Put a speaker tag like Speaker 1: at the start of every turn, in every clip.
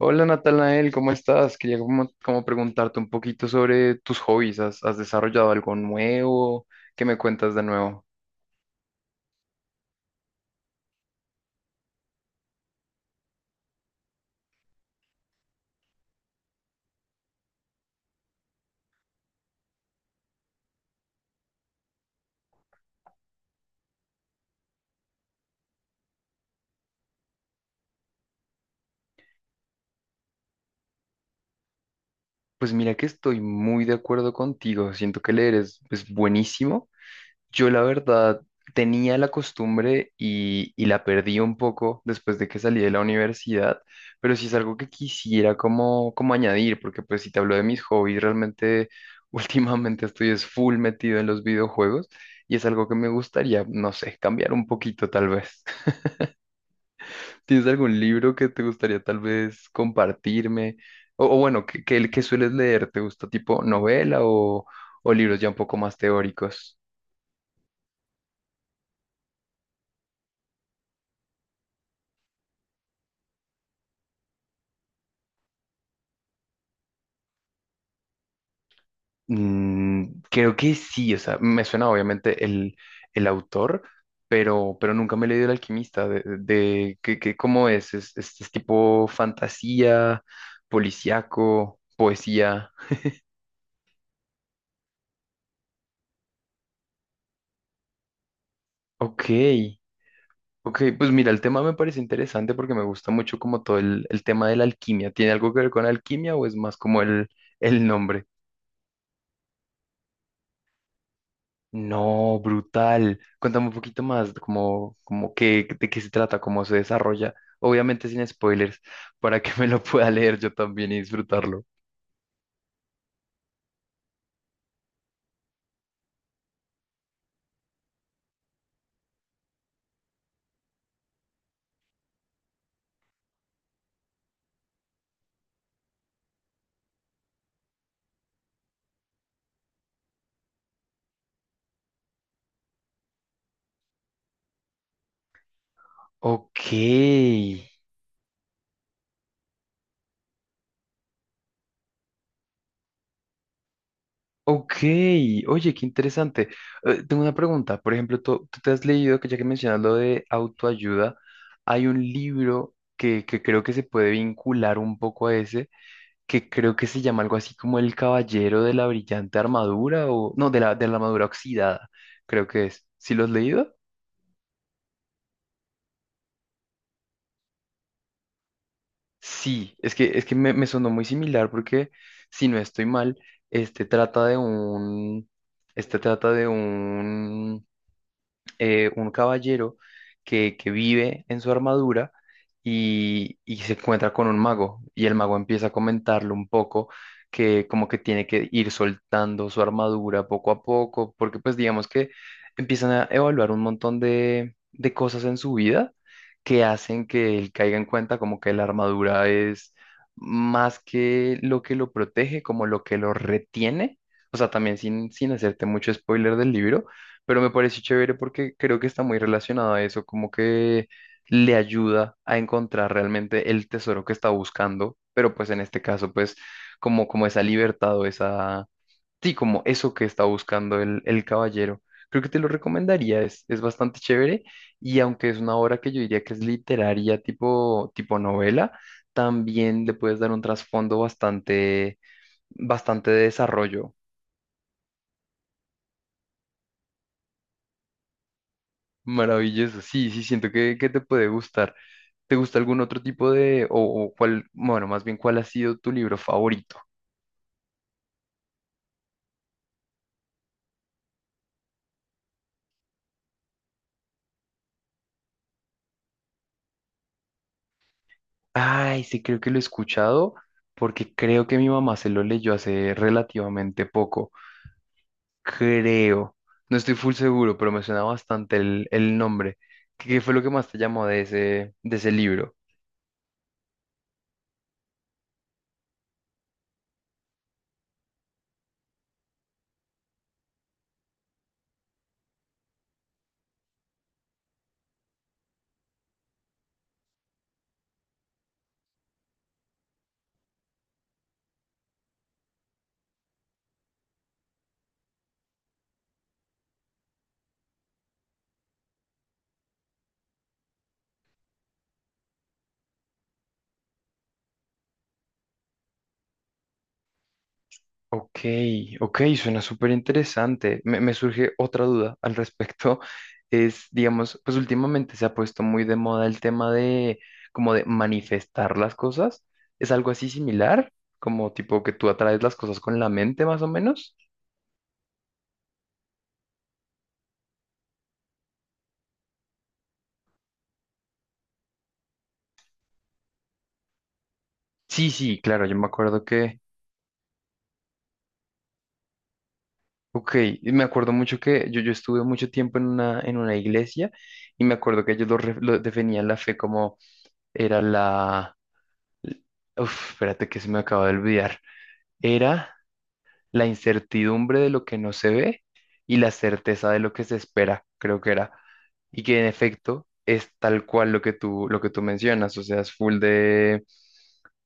Speaker 1: Hola Natanael, ¿cómo estás? Quería como preguntarte un poquito sobre tus hobbies. ¿Has desarrollado algo nuevo? ¿Qué me cuentas de nuevo? Pues mira que estoy muy de acuerdo contigo. Siento que leer es buenísimo. Yo la verdad tenía la costumbre y la perdí un poco después de que salí de la universidad, pero sí es algo que quisiera como añadir, porque pues si te hablo de mis hobbies, realmente últimamente estoy es full metido en los videojuegos y es algo que me gustaría, no sé, cambiar un poquito tal vez. ¿Tienes algún libro que te gustaría tal vez compartirme? O bueno, que sueles leer? ¿Te gusta tipo novela o libros ya un poco más teóricos? Mm, creo que sí, o sea, me suena obviamente el autor, pero nunca me he leído El Alquimista, ¿cómo es? ¿Es, es tipo fantasía, policíaco, poesía? Ok, ok, pues mira, el tema me parece interesante porque me gusta mucho como todo el tema de la alquimia. ¿Tiene algo que ver con alquimia o es más como el nombre? No, brutal. Cuéntame un poquito más, como qué, de qué se trata, cómo se desarrolla. Obviamente sin spoilers, para que me lo pueda leer yo también y disfrutarlo. Ok, ok. Oye, qué interesante. Tengo una pregunta. Por ejemplo, tú te has leído, que ya que mencionas lo de autoayuda, hay un libro que creo que se puede vincular un poco a ese, que creo que se llama algo así como el Caballero de la Brillante Armadura o no, de la Armadura Oxidada, creo que es. ¿Sí lo has leído? Sí, es que me, me sonó muy similar porque, si no estoy mal, este trata de un, este trata de un caballero que vive en su armadura y se encuentra con un mago y el mago empieza a comentarle un poco que como que tiene que ir soltando su armadura poco a poco, porque pues digamos que empiezan a evaluar un montón de cosas en su vida que hacen que él caiga en cuenta como que la armadura es más que lo protege, como lo que lo retiene. O sea, también sin hacerte mucho spoiler del libro, pero me parece chévere porque creo que está muy relacionado a eso, como que le ayuda a encontrar realmente el tesoro que está buscando, pero pues en este caso, pues como esa libertad o sí, como eso que está buscando el caballero. Creo que te lo recomendaría, es bastante chévere y aunque es una obra que yo diría que es literaria tipo novela, también le puedes dar un trasfondo bastante de desarrollo. Maravilloso, sí, sí, siento que te puede gustar. ¿Te gusta algún otro tipo de, o cuál, bueno, más bien cuál ha sido tu libro favorito? Ay, sí, creo que lo he escuchado porque creo que mi mamá se lo leyó hace relativamente poco. Creo. No estoy full seguro, pero me suena bastante el nombre. ¿Qué fue lo que más te llamó de ese libro? Ok, ok, suena súper interesante. Me surge otra duda al respecto. Es, digamos, pues últimamente se ha puesto muy de moda el tema de como de manifestar las cosas. ¿Es algo así similar? Como tipo que tú atraes las cosas con la mente más o menos. Sí, sí, claro, yo me acuerdo que, ok, y me acuerdo mucho que yo estuve mucho tiempo en en una iglesia y me acuerdo que ellos lo definían la fe como era la... Uf, espérate que se me acaba de olvidar. Era... la incertidumbre de lo que no se ve y la certeza de lo que se espera, creo que era. Y que en efecto es tal cual lo que tú mencionas, o sea, es full de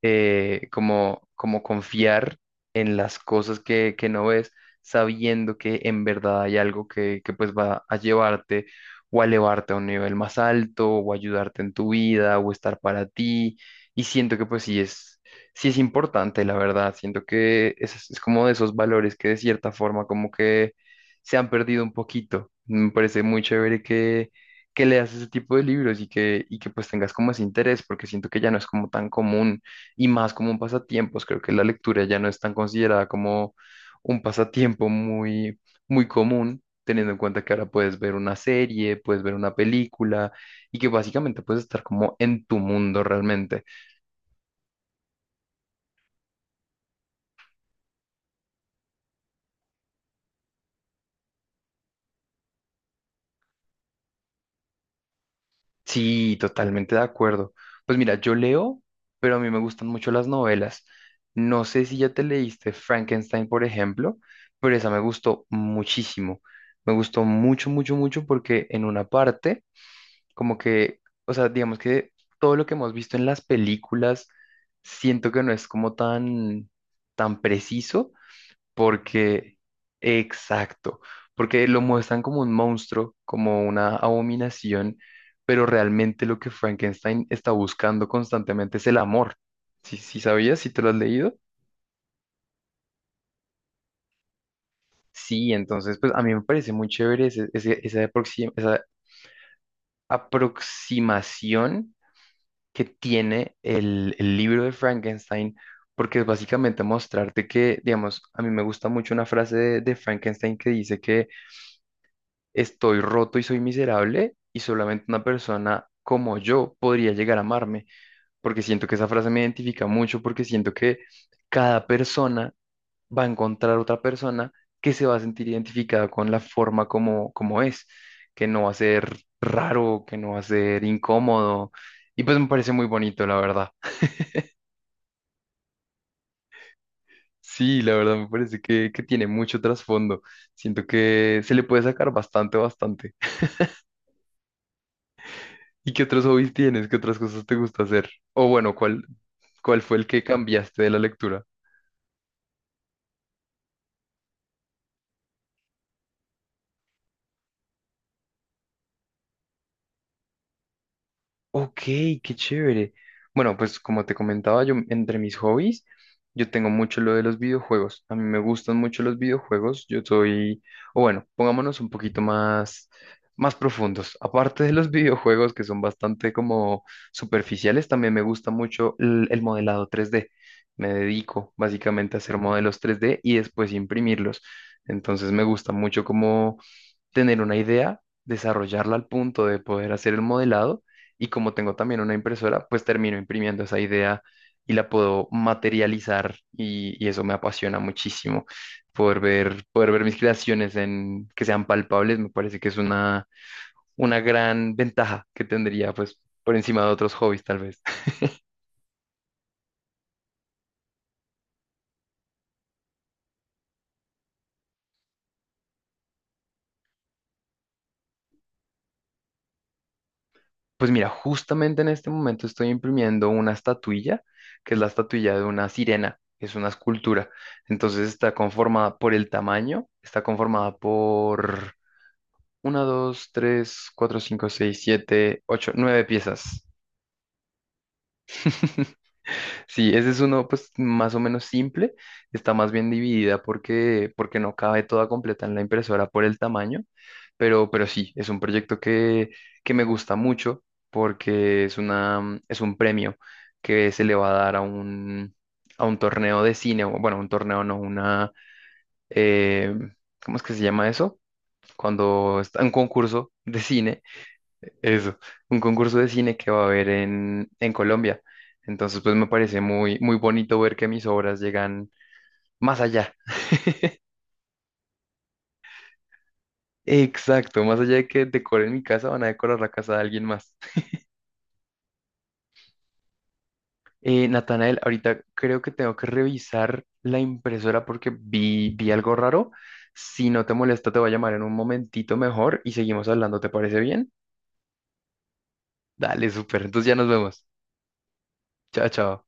Speaker 1: como, como confiar en las cosas que no ves, sabiendo que en verdad hay algo que pues va a llevarte o a elevarte a un nivel más alto o ayudarte en tu vida o estar para ti. Y siento que pues sí es importante, la verdad. Siento que es como de esos valores que de cierta forma como que se han perdido un poquito. Me parece muy chévere que leas ese tipo de libros y que pues tengas como ese interés, porque siento que ya no es como tan común y más como un pasatiempos. Creo que la lectura ya no es tan considerada como un pasatiempo muy, muy común. Teniendo en cuenta que ahora puedes ver una serie, puedes ver una película y que básicamente puedes estar como en tu mundo realmente. Sí, totalmente de acuerdo. Pues mira, yo leo, pero a mí me gustan mucho las novelas. No sé si ya te leíste Frankenstein, por ejemplo, pero esa me gustó muchísimo. Me gustó mucho, mucho, mucho porque en una parte, como que, o sea, digamos que todo lo que hemos visto en las películas, siento que no es como tan preciso, porque, exacto, porque lo muestran como un monstruo, como una abominación, pero realmente lo que Frankenstein está buscando constantemente es el amor. ¿Sí, sí sabías? ¿Sí te lo has leído? Sí, entonces, pues a mí me parece muy chévere esa aproximación que tiene el libro de Frankenstein, porque es básicamente mostrarte que, digamos, a mí me gusta mucho una frase de Frankenstein que dice que estoy roto y soy miserable y solamente una persona como yo podría llegar a amarme, porque siento que esa frase me identifica mucho, porque siento que cada persona va a encontrar otra persona que se va a sentir identificada con la forma como, como es, que no va a ser raro, que no va a ser incómodo, y pues me parece muy bonito, la verdad. Sí, la verdad me parece que tiene mucho trasfondo. Siento que se le puede sacar bastante, bastante. ¿Y qué otros hobbies tienes? ¿Qué otras cosas te gusta hacer? O bueno, ¿cuál, cuál fue el que cambiaste de la lectura? Ok, qué chévere. Bueno, pues como te comentaba, yo entre mis hobbies, yo tengo mucho lo de los videojuegos. A mí me gustan mucho los videojuegos. Yo soy, o bueno, pongámonos un poquito más profundos. Aparte de los videojuegos que son bastante como superficiales, también me gusta mucho el modelado 3D. Me dedico básicamente a hacer modelos 3D y después imprimirlos. Entonces me gusta mucho como tener una idea, desarrollarla al punto de poder hacer el modelado y como tengo también una impresora, pues termino imprimiendo esa idea y la puedo materializar y eso me apasiona muchísimo. Poder ver mis creaciones en, que sean palpables me parece que es una gran ventaja que tendría pues por encima de otros hobbies tal vez. Pues mira, justamente en este momento estoy imprimiendo una estatuilla, que es la estatuilla de una sirena, es una escultura. Entonces está conformada por el tamaño, está conformada por una, 2, 3, 4, 5, 6, 7, 8, 9 piezas. Sí, ese es uno pues más o menos simple, está más bien dividida porque, porque no cabe toda completa en la impresora por el tamaño, pero sí, es un proyecto que me gusta mucho porque es una, es un premio que se le va a dar a un torneo de cine, o bueno, un torneo no, una, eh, ¿cómo es que se llama eso? Cuando está un concurso de cine eso, un concurso de cine que va a haber en Colombia. Entonces, pues me parece muy, muy bonito ver que mis obras llegan más allá. Exacto, más allá de que decoren mi casa, van a decorar la casa de alguien más. Natanael, ahorita creo que tengo que revisar la impresora porque vi algo raro. Si no te molesta, te voy a llamar en un momentito mejor y seguimos hablando, ¿te parece bien? Dale, súper. Entonces ya nos vemos. Chao, chao.